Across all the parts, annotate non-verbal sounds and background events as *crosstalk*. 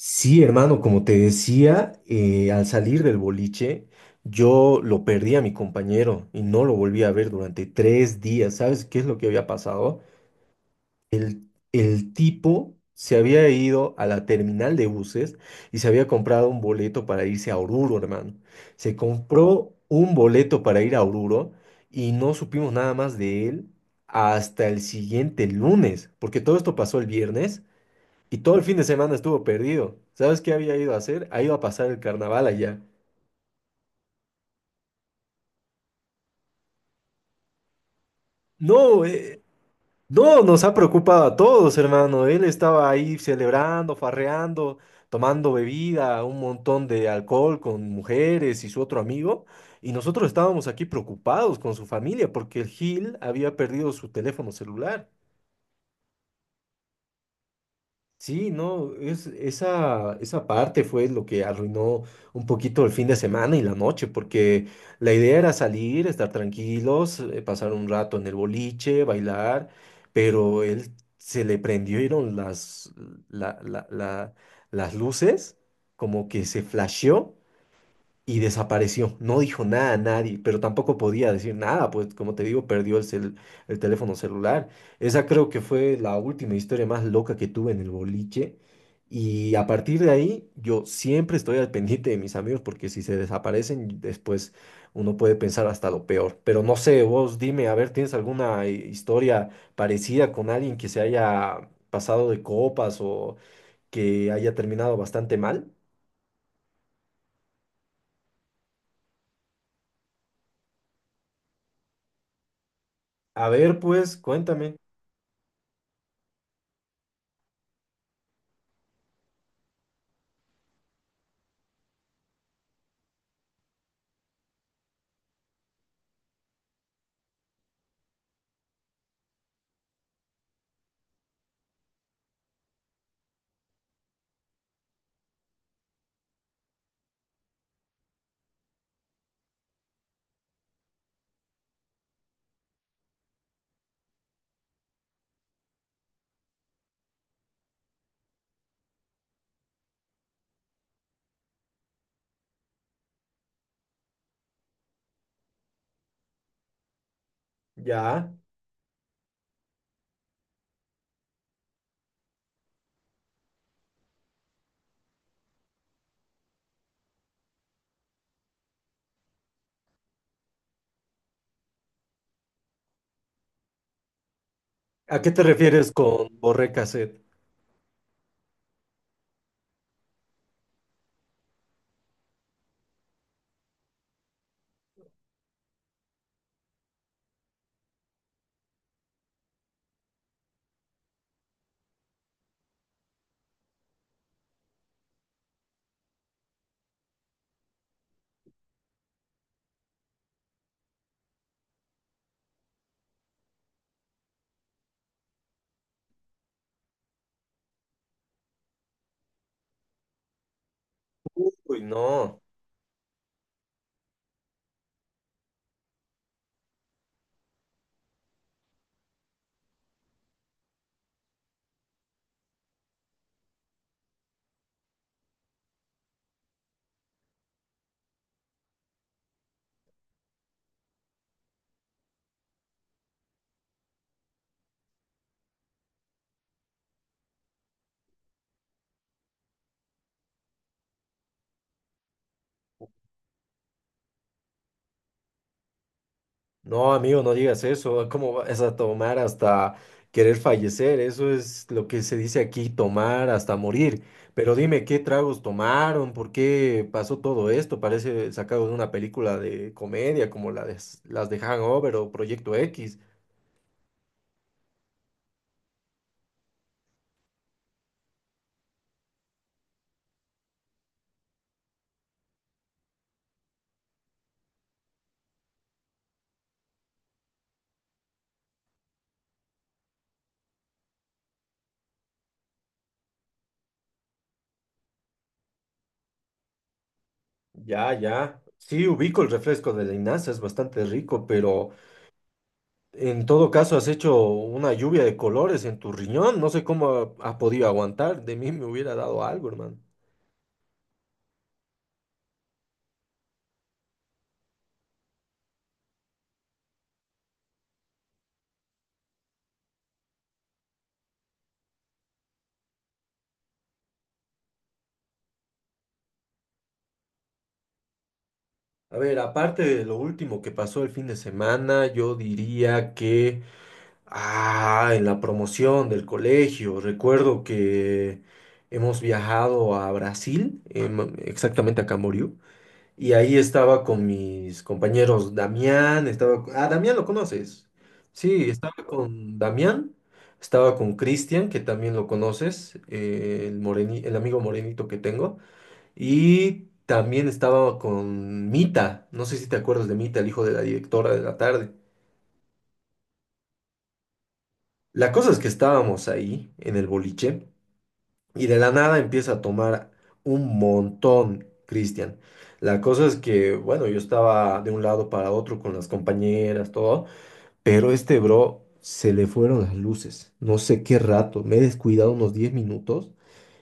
Sí, hermano, como te decía, al salir del boliche, yo lo perdí a mi compañero y no lo volví a ver durante 3 días. ¿Sabes qué es lo que había pasado? El tipo se había ido a la terminal de buses y se había comprado un boleto para irse a Oruro, hermano. Se compró un boleto para ir a Oruro y no supimos nada más de él hasta el siguiente lunes, porque todo esto pasó el viernes. Y todo el fin de semana estuvo perdido. ¿Sabes qué había ido a hacer? Ha ido a pasar el carnaval allá. No, no, nos ha preocupado a todos, hermano. Él estaba ahí celebrando, farreando, tomando bebida, un montón de alcohol con mujeres y su otro amigo. Y nosotros estábamos aquí preocupados con su familia porque el Gil había perdido su teléfono celular. Sí, no, esa parte fue lo que arruinó un poquito el fin de semana y la noche, porque la idea era salir, estar tranquilos, pasar un rato en el boliche, bailar, pero él se le prendieron las, la- la- la- las luces, como que se flasheó y desapareció. No dijo nada a nadie, pero tampoco podía decir nada, pues como te digo, perdió el teléfono celular. Esa creo que fue la última historia más loca que tuve en el boliche. Y a partir de ahí, yo siempre estoy al pendiente de mis amigos porque si se desaparecen, después uno puede pensar hasta lo peor. Pero no sé, vos dime, a ver, ¿tienes alguna historia parecida con alguien que se haya pasado de copas o que haya terminado bastante mal? A ver, pues, cuéntame. Ya. ¿A qué te refieres con borré cassette? Uy, no, no, amigo, no digas eso. Ah, ¿cómo vas a tomar hasta querer fallecer? Eso es lo que se dice aquí, tomar hasta morir. Pero dime, ¿qué tragos tomaron? ¿Por qué pasó todo esto? Parece sacado de una película de comedia como la de, las de Hangover o Proyecto X. Ya, ya. Sí, ubico el refresco de la Inaza, es bastante rico, pero en todo caso, has hecho una lluvia de colores en tu riñón. No sé cómo ha podido aguantar. De mí me hubiera dado algo, hermano. A ver, aparte de lo último que pasó el fin de semana, yo diría que, ah, en la promoción del colegio, recuerdo que hemos viajado a Brasil, exactamente a Camboriú. Y ahí estaba con mis compañeros Damián, estaba... Ah, Damián lo conoces. Sí, estaba con Damián, estaba con Cristian, que también lo conoces, el el amigo morenito que tengo. Y también estaba con Mita, no sé si te acuerdas de Mita, el hijo de la directora de la tarde. La cosa es que estábamos ahí en el boliche y de la nada empieza a tomar un montón, Cristian. La cosa es que, bueno, yo estaba de un lado para otro con las compañeras, todo, pero este bro se le fueron las luces. No sé qué rato, me he descuidado unos 10 minutos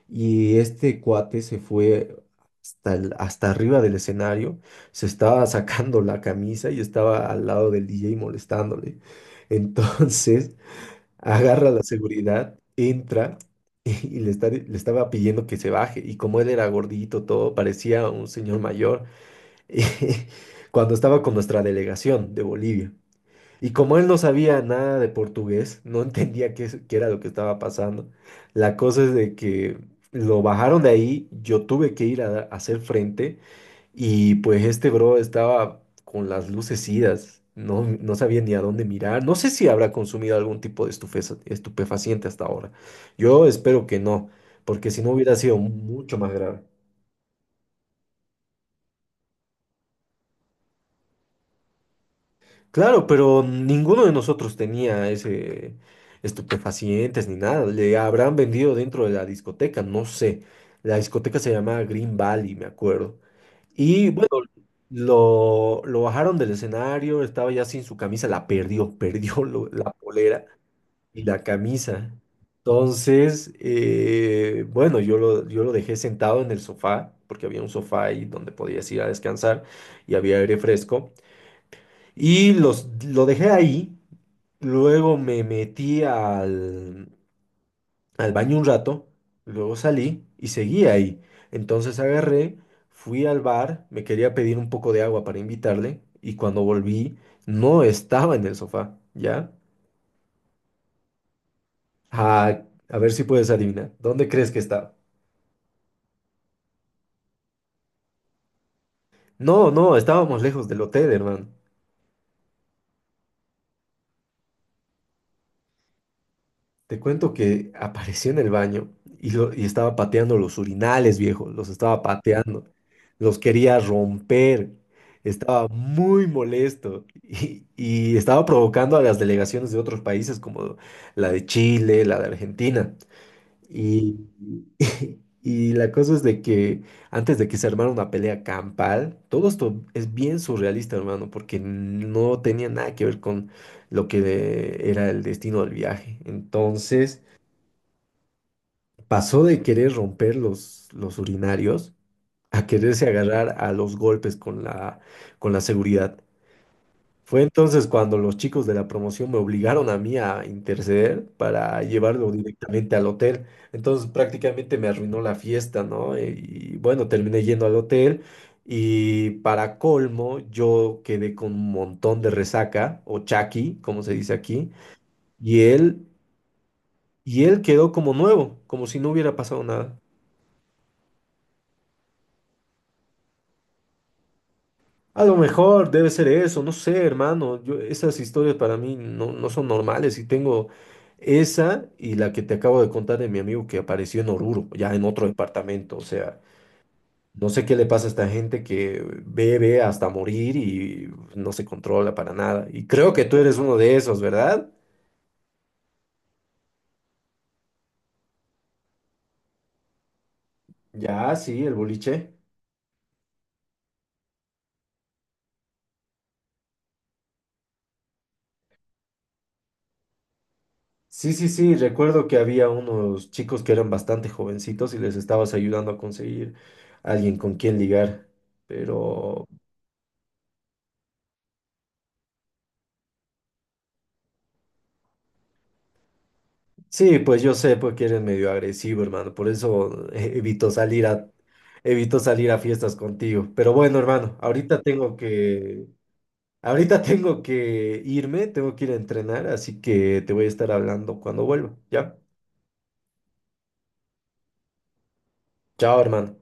y este cuate se fue hasta, hasta arriba del escenario, se estaba sacando la camisa y estaba al lado del DJ molestándole. *laughs* Entonces agarra la seguridad, entra *laughs* y le, le estaba pidiendo que se baje. Y como él era gordito, todo, parecía un señor mayor *laughs* cuando estaba con nuestra delegación de Bolivia. Y como él no sabía nada de portugués, no *laughs* entendía qué, qué era lo que estaba pasando. La cosa es de que lo bajaron de ahí, yo tuve que ir a hacer frente. Y pues este bro estaba con las luces idas, no, no sabía ni a dónde mirar. No sé si habrá consumido algún tipo de estupefaciente hasta ahora. Yo espero que no, porque si no hubiera sido mucho más grave. Claro, pero ninguno de nosotros tenía ese estupefacientes ni nada. Le habrán vendido dentro de la discoteca, no sé. La discoteca se llamaba Green Valley, me acuerdo. Y bueno, lo bajaron del escenario, estaba ya sin su camisa, la perdió, *laughs* perdió la polera y la camisa. Entonces, bueno, yo lo dejé sentado en el sofá, porque había un sofá ahí donde podías ir a descansar y había aire fresco. Y lo dejé ahí, luego me metí al baño un rato, luego salí y seguí ahí. Entonces agarré, fui al bar, me quería pedir un poco de agua para invitarle y cuando volví no estaba en el sofá, ¿ya? Ah, a ver si puedes adivinar. ¿Dónde crees que estaba? No, no, estábamos lejos del hotel, hermano. Te cuento que apareció en el baño y, y estaba pateando los urinales, viejo. Los estaba pateando. Los quería romper. Estaba muy molesto y estaba provocando a las delegaciones de otros países como la de Chile, la de Argentina. Y, *laughs* y la cosa es de que antes de que se armara una pelea campal, todo esto es bien surrealista, hermano, porque no tenía nada que ver con lo que era el destino del viaje. Entonces pasó de querer romper los urinarios a quererse agarrar a los golpes con la seguridad. Fue entonces cuando los chicos de la promoción me obligaron a mí a interceder para llevarlo directamente al hotel. Entonces prácticamente me arruinó la fiesta, ¿no? Y bueno, terminé yendo al hotel y para colmo yo quedé con un montón de resaca o chaki, como se dice aquí, y él y él quedó como nuevo, como si no hubiera pasado nada. A lo mejor debe ser eso, no sé, hermano. Yo, esas historias para mí no, no son normales y tengo esa y la que te acabo de contar de mi amigo que apareció en Oruro, ya en otro departamento. O sea, no sé qué le pasa a esta gente que bebe hasta morir y no se controla para nada. Y creo que tú eres uno de esos, ¿verdad? Ya, sí, el boliche. Sí, sí, sí, recuerdo que había unos chicos que eran bastante jovencitos y les estabas ayudando a conseguir alguien con quien ligar, pero... Sí, pues yo sé porque eres medio agresivo, hermano. Por eso evito salir a, fiestas contigo. Pero bueno, hermano, ahorita tengo que, ahorita *laughs* tengo que irme, tengo que ir a entrenar, así que te voy a estar hablando cuando vuelva. ¿Ya? Chao, hermano.